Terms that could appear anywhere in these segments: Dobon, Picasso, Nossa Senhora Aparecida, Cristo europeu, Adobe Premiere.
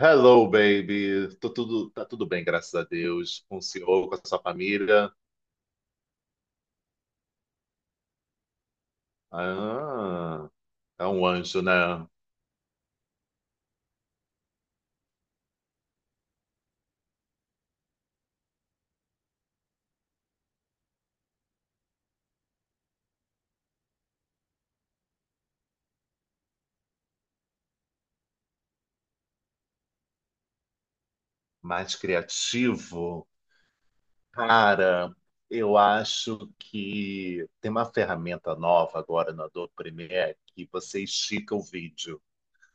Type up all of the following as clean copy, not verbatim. Hello, baby. Tá tudo bem, graças a Deus. Com o senhor, com a sua família. Ah, é um anjo, né? Mais criativo. Cara, eu acho que tem uma ferramenta nova agora no Adobe Premiere que você estica o vídeo.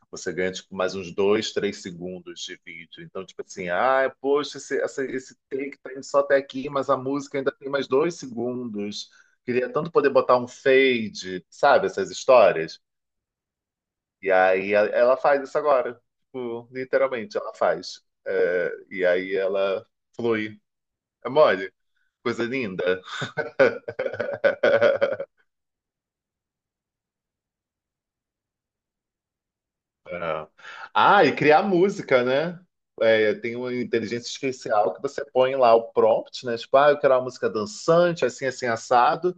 Você ganha, tipo, mais uns dois, três segundos de vídeo. Então, tipo assim, ah, poxa, esse take tá indo só até aqui, mas a música ainda tem mais 2 segundos. Queria tanto poder botar um fade, sabe, essas histórias? E aí ela faz isso agora. Tipo, literalmente, ela faz. É, e aí ela flui. É mole, coisa linda. É. Ah, e criar música, né? É, tem uma inteligência artificial que você põe lá o prompt, né? Tipo, ah, eu quero uma música dançante, assim, assim, assado.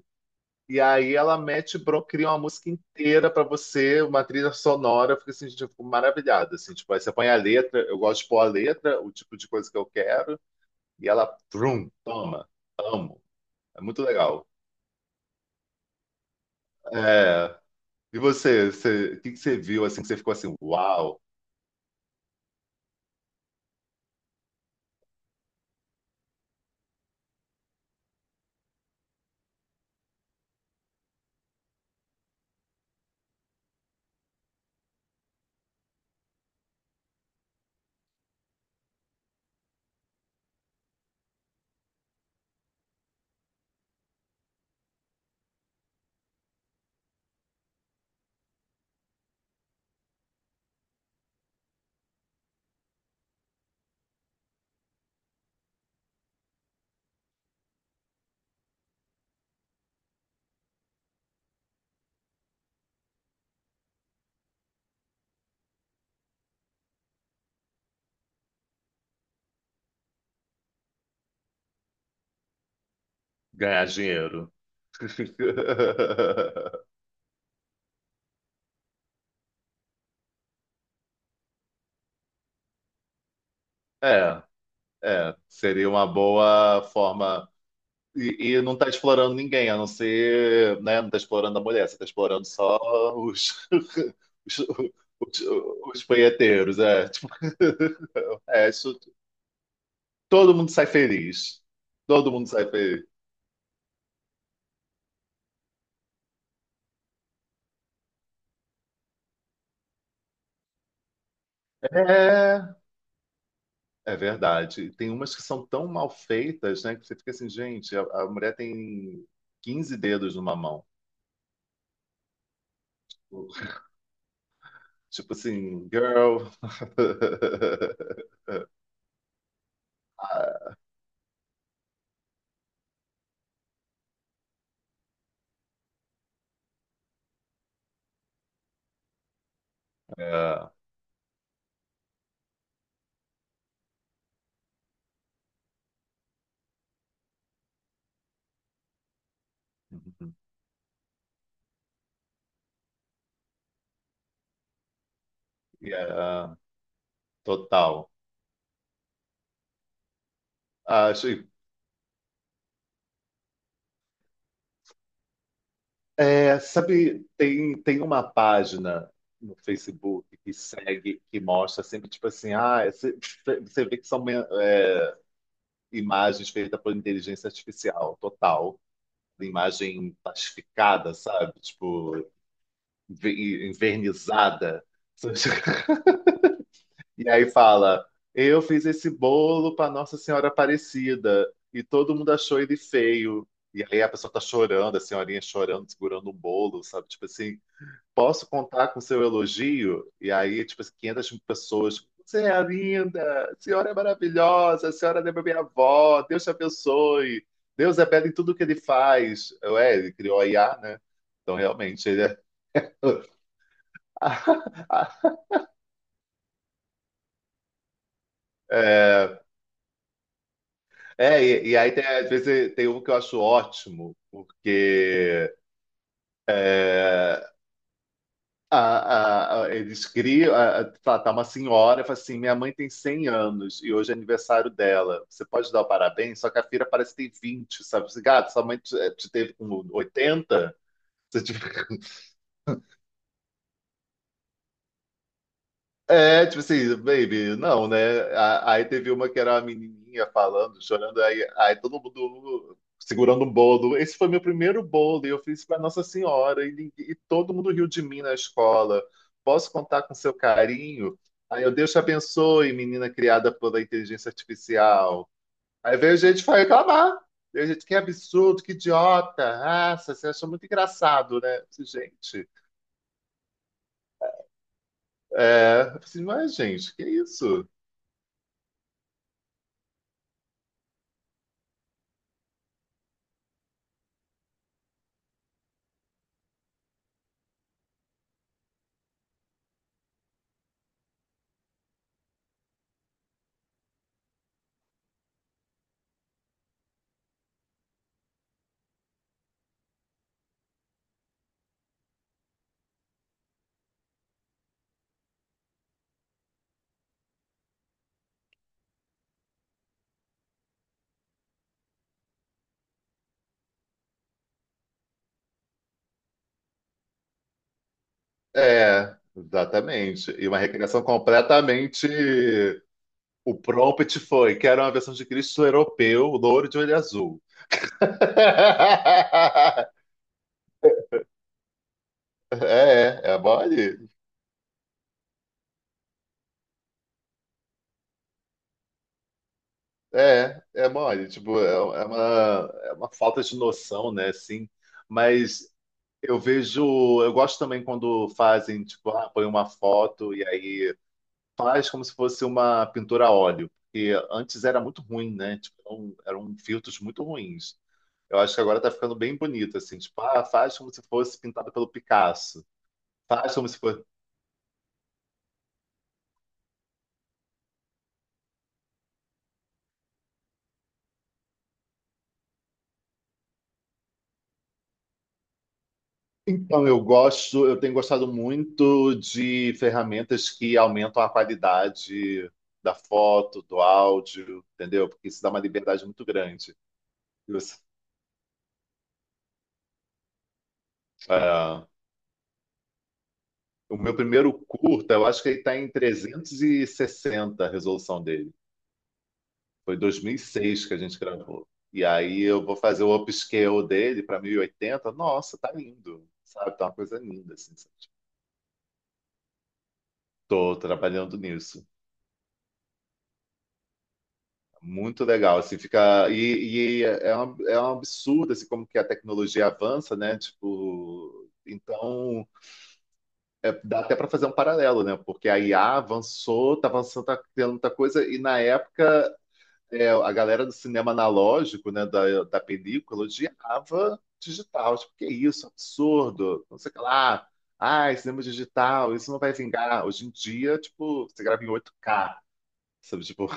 E aí ela mete, cria uma música inteira pra você, uma trilha sonora. Eu fico assim, gente, eu fico maravilhado, assim. Tipo, aí você põe a letra, eu gosto de pôr a letra, o tipo de coisa que eu quero. E ela, vrum, toma, amo. É muito legal. É. E o que que você viu, assim, que você ficou assim, uau, ganhar dinheiro? É, é, seria uma boa forma. E não tá explorando ninguém, a não ser, né? Não tá explorando a mulher, você tá explorando só os, os, os, os punheteiros, é. Tipo, é, todo mundo sai feliz. Todo mundo sai feliz. É, é verdade. Tem umas que são tão mal feitas, né? Que você fica assim, gente, a mulher tem 15 dedos numa mão. Tipo assim, girl. É, é, total. Acho. É, sabe, tem uma página no Facebook que segue, que mostra sempre, tipo assim, ah, você vê que são imagens feitas por inteligência artificial, total. Imagem plastificada, sabe? Tipo, envernizada. E aí fala: eu fiz esse bolo para Nossa Senhora Aparecida e todo mundo achou ele feio. E aí a pessoa tá chorando, a senhorinha chorando, segurando um bolo, sabe? Tipo assim, posso contar com seu elogio? E aí, tipo assim, 500 pessoas. Você é linda, a senhora é maravilhosa, a senhora lembra minha avó, Deus te abençoe. Deus é belo em tudo que ele faz. Ué, ele criou a IA, né? Então, realmente, ele é. É, É, e aí tem, às vezes tem um que eu acho ótimo, porque é, eles criam, tá uma senhora, e fala assim, minha mãe tem 100 anos e hoje é aniversário dela, você pode dar o parabéns? Só que a filha parece que tem 20, sabe? Assim, gato, sua mãe te teve com 80? Você, é, tipo assim, baby, não, né? Aí teve uma que era a menininha falando, chorando, aí todo mundo segurando um bolo. Esse foi meu primeiro bolo e eu fiz para Nossa Senhora e todo mundo riu de mim na escola. Posso contar com seu carinho? Aí eu, Deus te abençoe, menina criada pela inteligência artificial. Aí veio gente foi reclamar. Veio gente, que absurdo, que idiota. Ah, você acha muito engraçado, né? Eu disse, gente, eu disse, mas gente, que isso? É, exatamente. E uma recriação completamente. O prompt foi: quero uma versão de Cristo europeu, louro de olho azul. É, é mole? É, é mole. Tipo, é uma falta de noção, né? Assim, mas eu vejo. Eu gosto também quando fazem, tipo, ah, põe uma foto e aí faz como se fosse uma pintura a óleo. Porque antes era muito ruim, né? Tipo, eram filtros muito ruins. Eu acho que agora tá ficando bem bonito, assim, tipo, ah, faz como se fosse pintado pelo Picasso. Faz como se fosse. Então, eu gosto, eu tenho gostado muito de ferramentas que aumentam a qualidade da foto, do áudio, entendeu? Porque isso dá uma liberdade muito grande. E você- é, o meu primeiro curta, eu acho que ele está em 360 a resolução dele. Foi 2006 que a gente gravou. E aí eu vou fazer o upscale dele para 1080. Nossa, tá lindo, sabe? Tá uma coisa linda, assim. Sabe? Tô trabalhando nisso. Muito legal, assim, fica... E é um absurdo, assim, como que a tecnologia avança, né? Tipo... Então, dá até para fazer um paralelo, né? Porque a IA avançou, tá avançando, tá criando muita coisa, e na época a galera do cinema analógico, né, da película, odiava digital. Tipo, que isso, absurdo, não sei o que lá. Ai, cinema digital, isso não vai vingar. Hoje em dia, tipo, você grava em 8K, sabe? Tipo.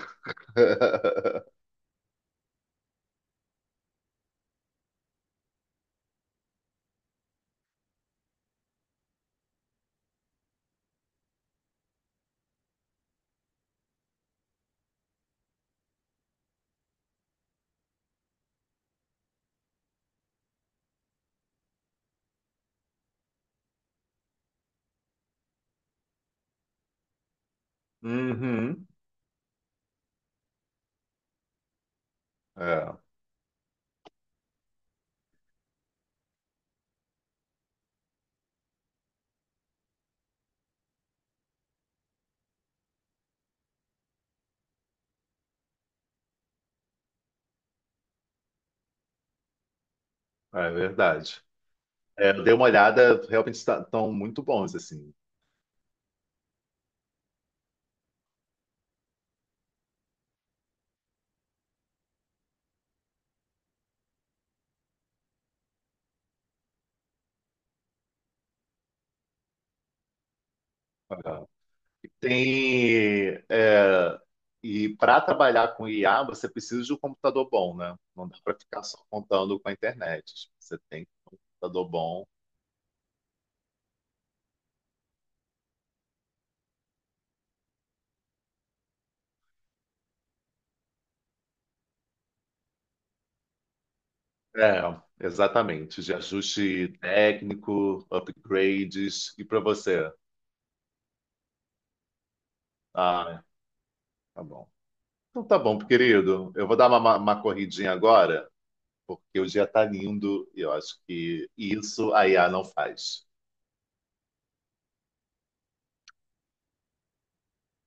Uhum. É, é verdade. É, eu dei uma olhada, realmente estão muito bons, assim. É. Tem. E para trabalhar com IA, você precisa de um computador bom, né? Não dá para ficar só contando com a internet. Você tem da Dobon. É, exatamente. De ajuste técnico, upgrades. E para você? Ah, tá bom. Então tá bom, querido. Eu vou dar uma corridinha agora, porque o dia tá lindo e eu acho que isso a IA não faz.